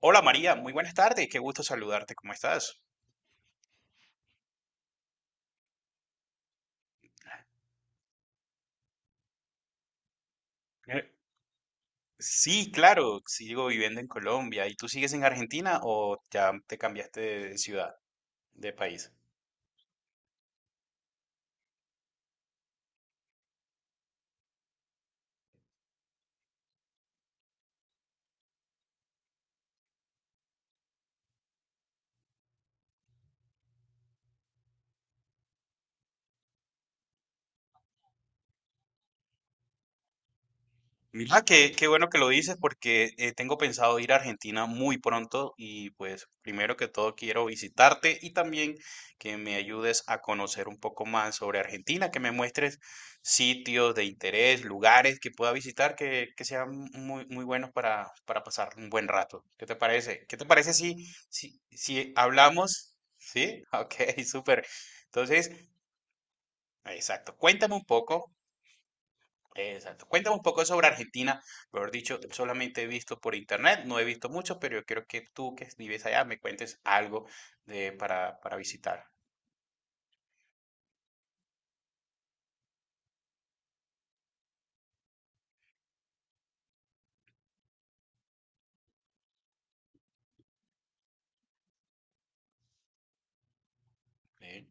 Hola María, muy buenas tardes, qué gusto saludarte, ¿cómo estás? Eh, Sí claro, sigo viviendo en Colombia. ¿Y tú sigues en Argentina o ya te cambiaste de ciudad, de país? Mira, qué bueno que lo dices porque tengo pensado ir a Argentina muy pronto y pues primero que todo quiero visitarte y también que me ayudes a conocer un poco más sobre Argentina, que me muestres sitios de interés, lugares que pueda visitar que sean muy, muy buenos para pasar un buen rato. ¿Qué te parece? ¿Qué te parece si hablamos? ¿Sí? Ok, súper. Entonces, exacto. Cuéntame un poco. Exacto. Cuéntame un poco sobre Argentina. Mejor dicho, solamente he visto por internet, no he visto mucho, pero yo quiero que tú que vives allá me cuentes algo para visitar. ¿Sí?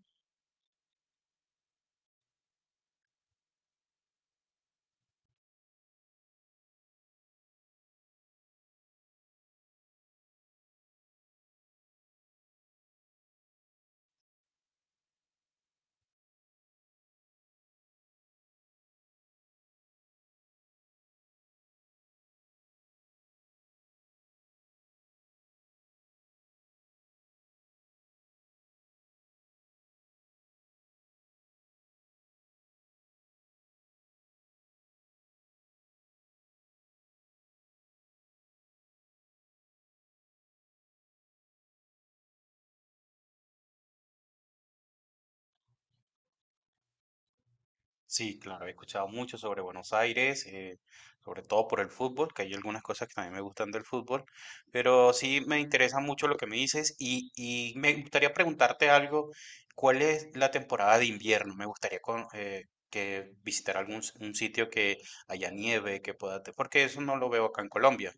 Sí, claro, he escuchado mucho sobre Buenos Aires, sobre todo por el fútbol, que hay algunas cosas que también me gustan del fútbol, pero sí me interesa mucho lo que me dices y me gustaría preguntarte algo, ¿cuál es la temporada de invierno? Me gustaría que visitar algún un sitio que haya nieve, que porque eso no lo veo acá en Colombia.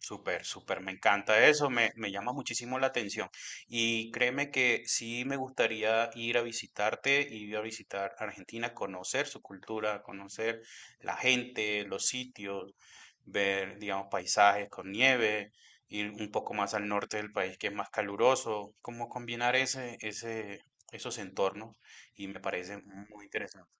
Súper, súper, me encanta eso, me llama muchísimo la atención. Y créeme que sí me gustaría ir a visitarte, ir a visitar Argentina, conocer su cultura, conocer la gente, los sitios, ver, digamos, paisajes con nieve, ir un poco más al norte del país que es más caluroso, cómo combinar esos entornos y me parece muy interesante.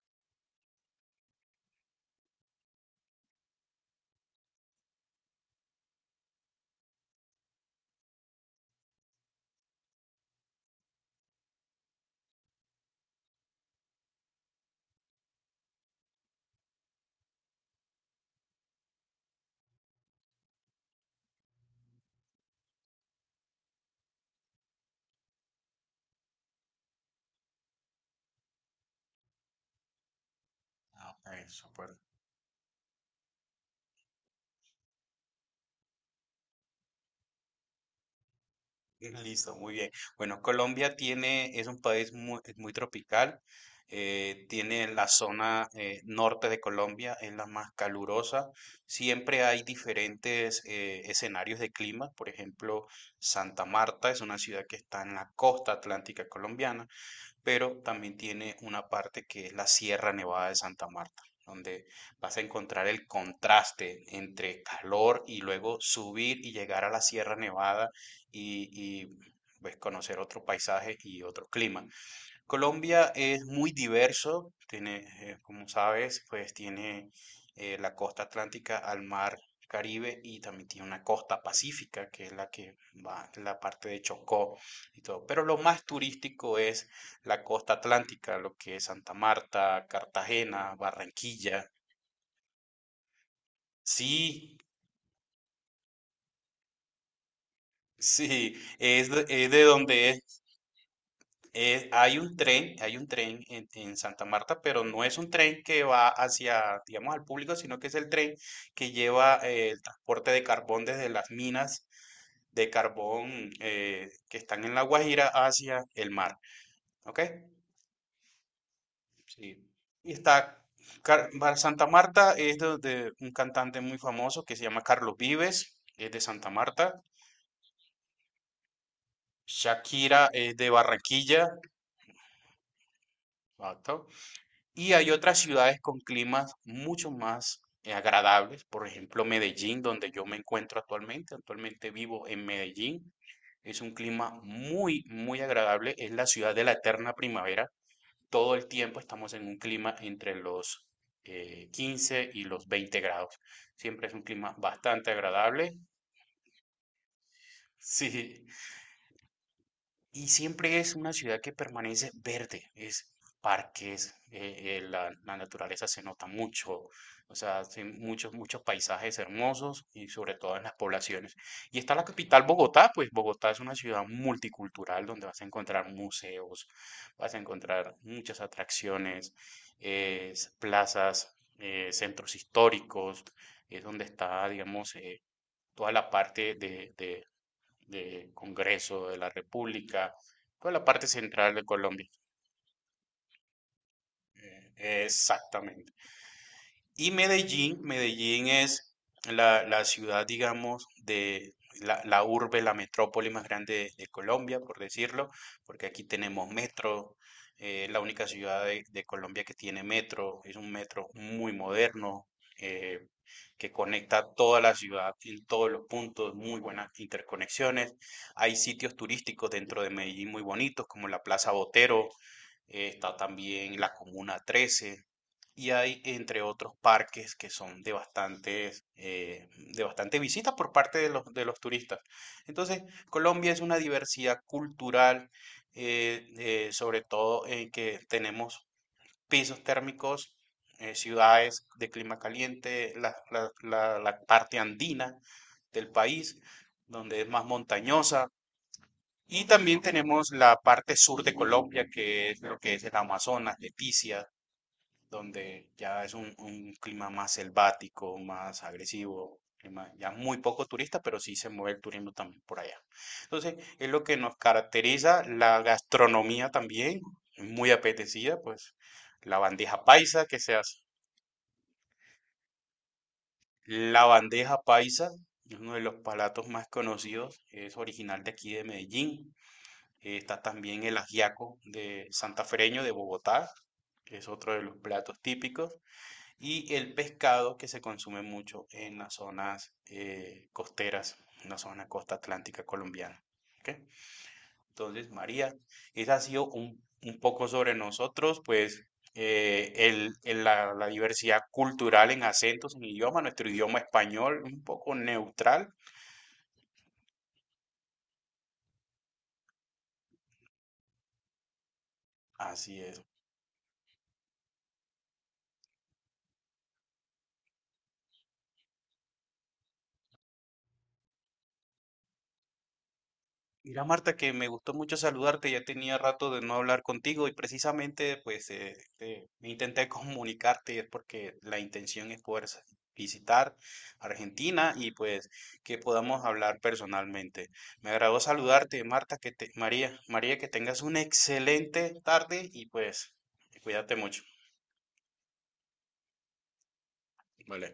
Ah, ok, súper. Listo, muy bien. Bueno, es un país es muy tropical. Tiene la zona norte de Colombia, es la más calurosa. Siempre hay diferentes escenarios de clima. Por ejemplo, Santa Marta es una ciudad que está en la costa atlántica colombiana, pero también tiene una parte que es la Sierra Nevada de Santa Marta, donde vas a encontrar el contraste entre calor y luego subir y llegar a la Sierra Nevada y, y, pues, conocer otro paisaje y otro clima. Colombia es muy diverso, tiene, como sabes, pues tiene la costa atlántica al mar Caribe, y también tiene una costa pacífica, que es la que va en la parte de Chocó y todo. Pero lo más turístico es la costa atlántica, lo que es Santa Marta, Cartagena, Barranquilla. Sí, sí, es de donde hay un tren en Santa Marta, pero no es un tren que va hacia, digamos, al público, sino que es el tren que lleva el transporte de carbón desde las minas de carbón que están en La Guajira hacia el mar. ¿Ok? Sí. Y está Santa Marta, de un cantante muy famoso que se llama Carlos Vives, es de Santa Marta. Shakira es de Barranquilla, exacto. Y hay otras ciudades con climas mucho más agradables, por ejemplo Medellín, donde yo me encuentro actualmente. Actualmente vivo en Medellín. Es un clima muy, muy agradable. Es la ciudad de la eterna primavera. Todo el tiempo estamos en un clima entre los 15 y los 20 grados. Siempre es un clima bastante agradable. Sí, y siempre es una ciudad que permanece verde, es parques, la, la naturaleza se nota mucho, o sea, hay muchos, muchos paisajes hermosos y sobre todo en las poblaciones. Y está la capital Bogotá, pues Bogotá es una ciudad multicultural donde vas a encontrar museos, vas a encontrar muchas atracciones, plazas, centros históricos, es donde está, digamos, toda la parte de de Congreso de la República, toda la parte central de Colombia. Exactamente. Y Medellín, Medellín es la ciudad, digamos, de la urbe, la metrópoli más grande de Colombia, por decirlo, porque aquí tenemos metro, la única ciudad de Colombia que tiene metro, es un metro muy moderno, eh, que conecta toda la ciudad en todos los puntos, muy buenas interconexiones. Hay sitios turísticos dentro de Medellín muy bonitos, como la Plaza Botero, está también la Comuna 13 y hay, entre otros, parques que son de bastantes, de bastante visitas por parte de los turistas. Entonces, Colombia es una diversidad cultural, sobre todo en que tenemos pisos térmicos, ciudades de clima caliente, la parte andina del país, donde es más montañosa. Y también tenemos la parte sur de Colombia, que es lo que es el Amazonas, Leticia, donde ya es un clima más selvático, más agresivo, clima ya muy poco turista, pero sí se mueve el turismo también por allá. Entonces, es lo que nos caracteriza, la gastronomía también, muy apetecida, pues la bandeja paisa que se hace. La bandeja paisa es uno de los platos más conocidos, es original de aquí de Medellín. Está también el ajiaco de santafereño de Bogotá, que es otro de los platos típicos. Y el pescado que se consume mucho en las zonas costeras, en la zona costa atlántica colombiana. ¿Ok? Entonces, María, esa ha sido un poco sobre nosotros, pues la diversidad cultural en acentos, en idioma, nuestro idioma español, un poco neutral. Así es. Mira, Marta, que me gustó mucho saludarte, ya tenía rato de no hablar contigo y precisamente pues me intenté comunicarte, y es porque la intención es poder visitar Argentina y pues que podamos hablar personalmente. Me agradó saludarte, Marta, María, María, que tengas una excelente tarde y pues cuídate mucho. Vale.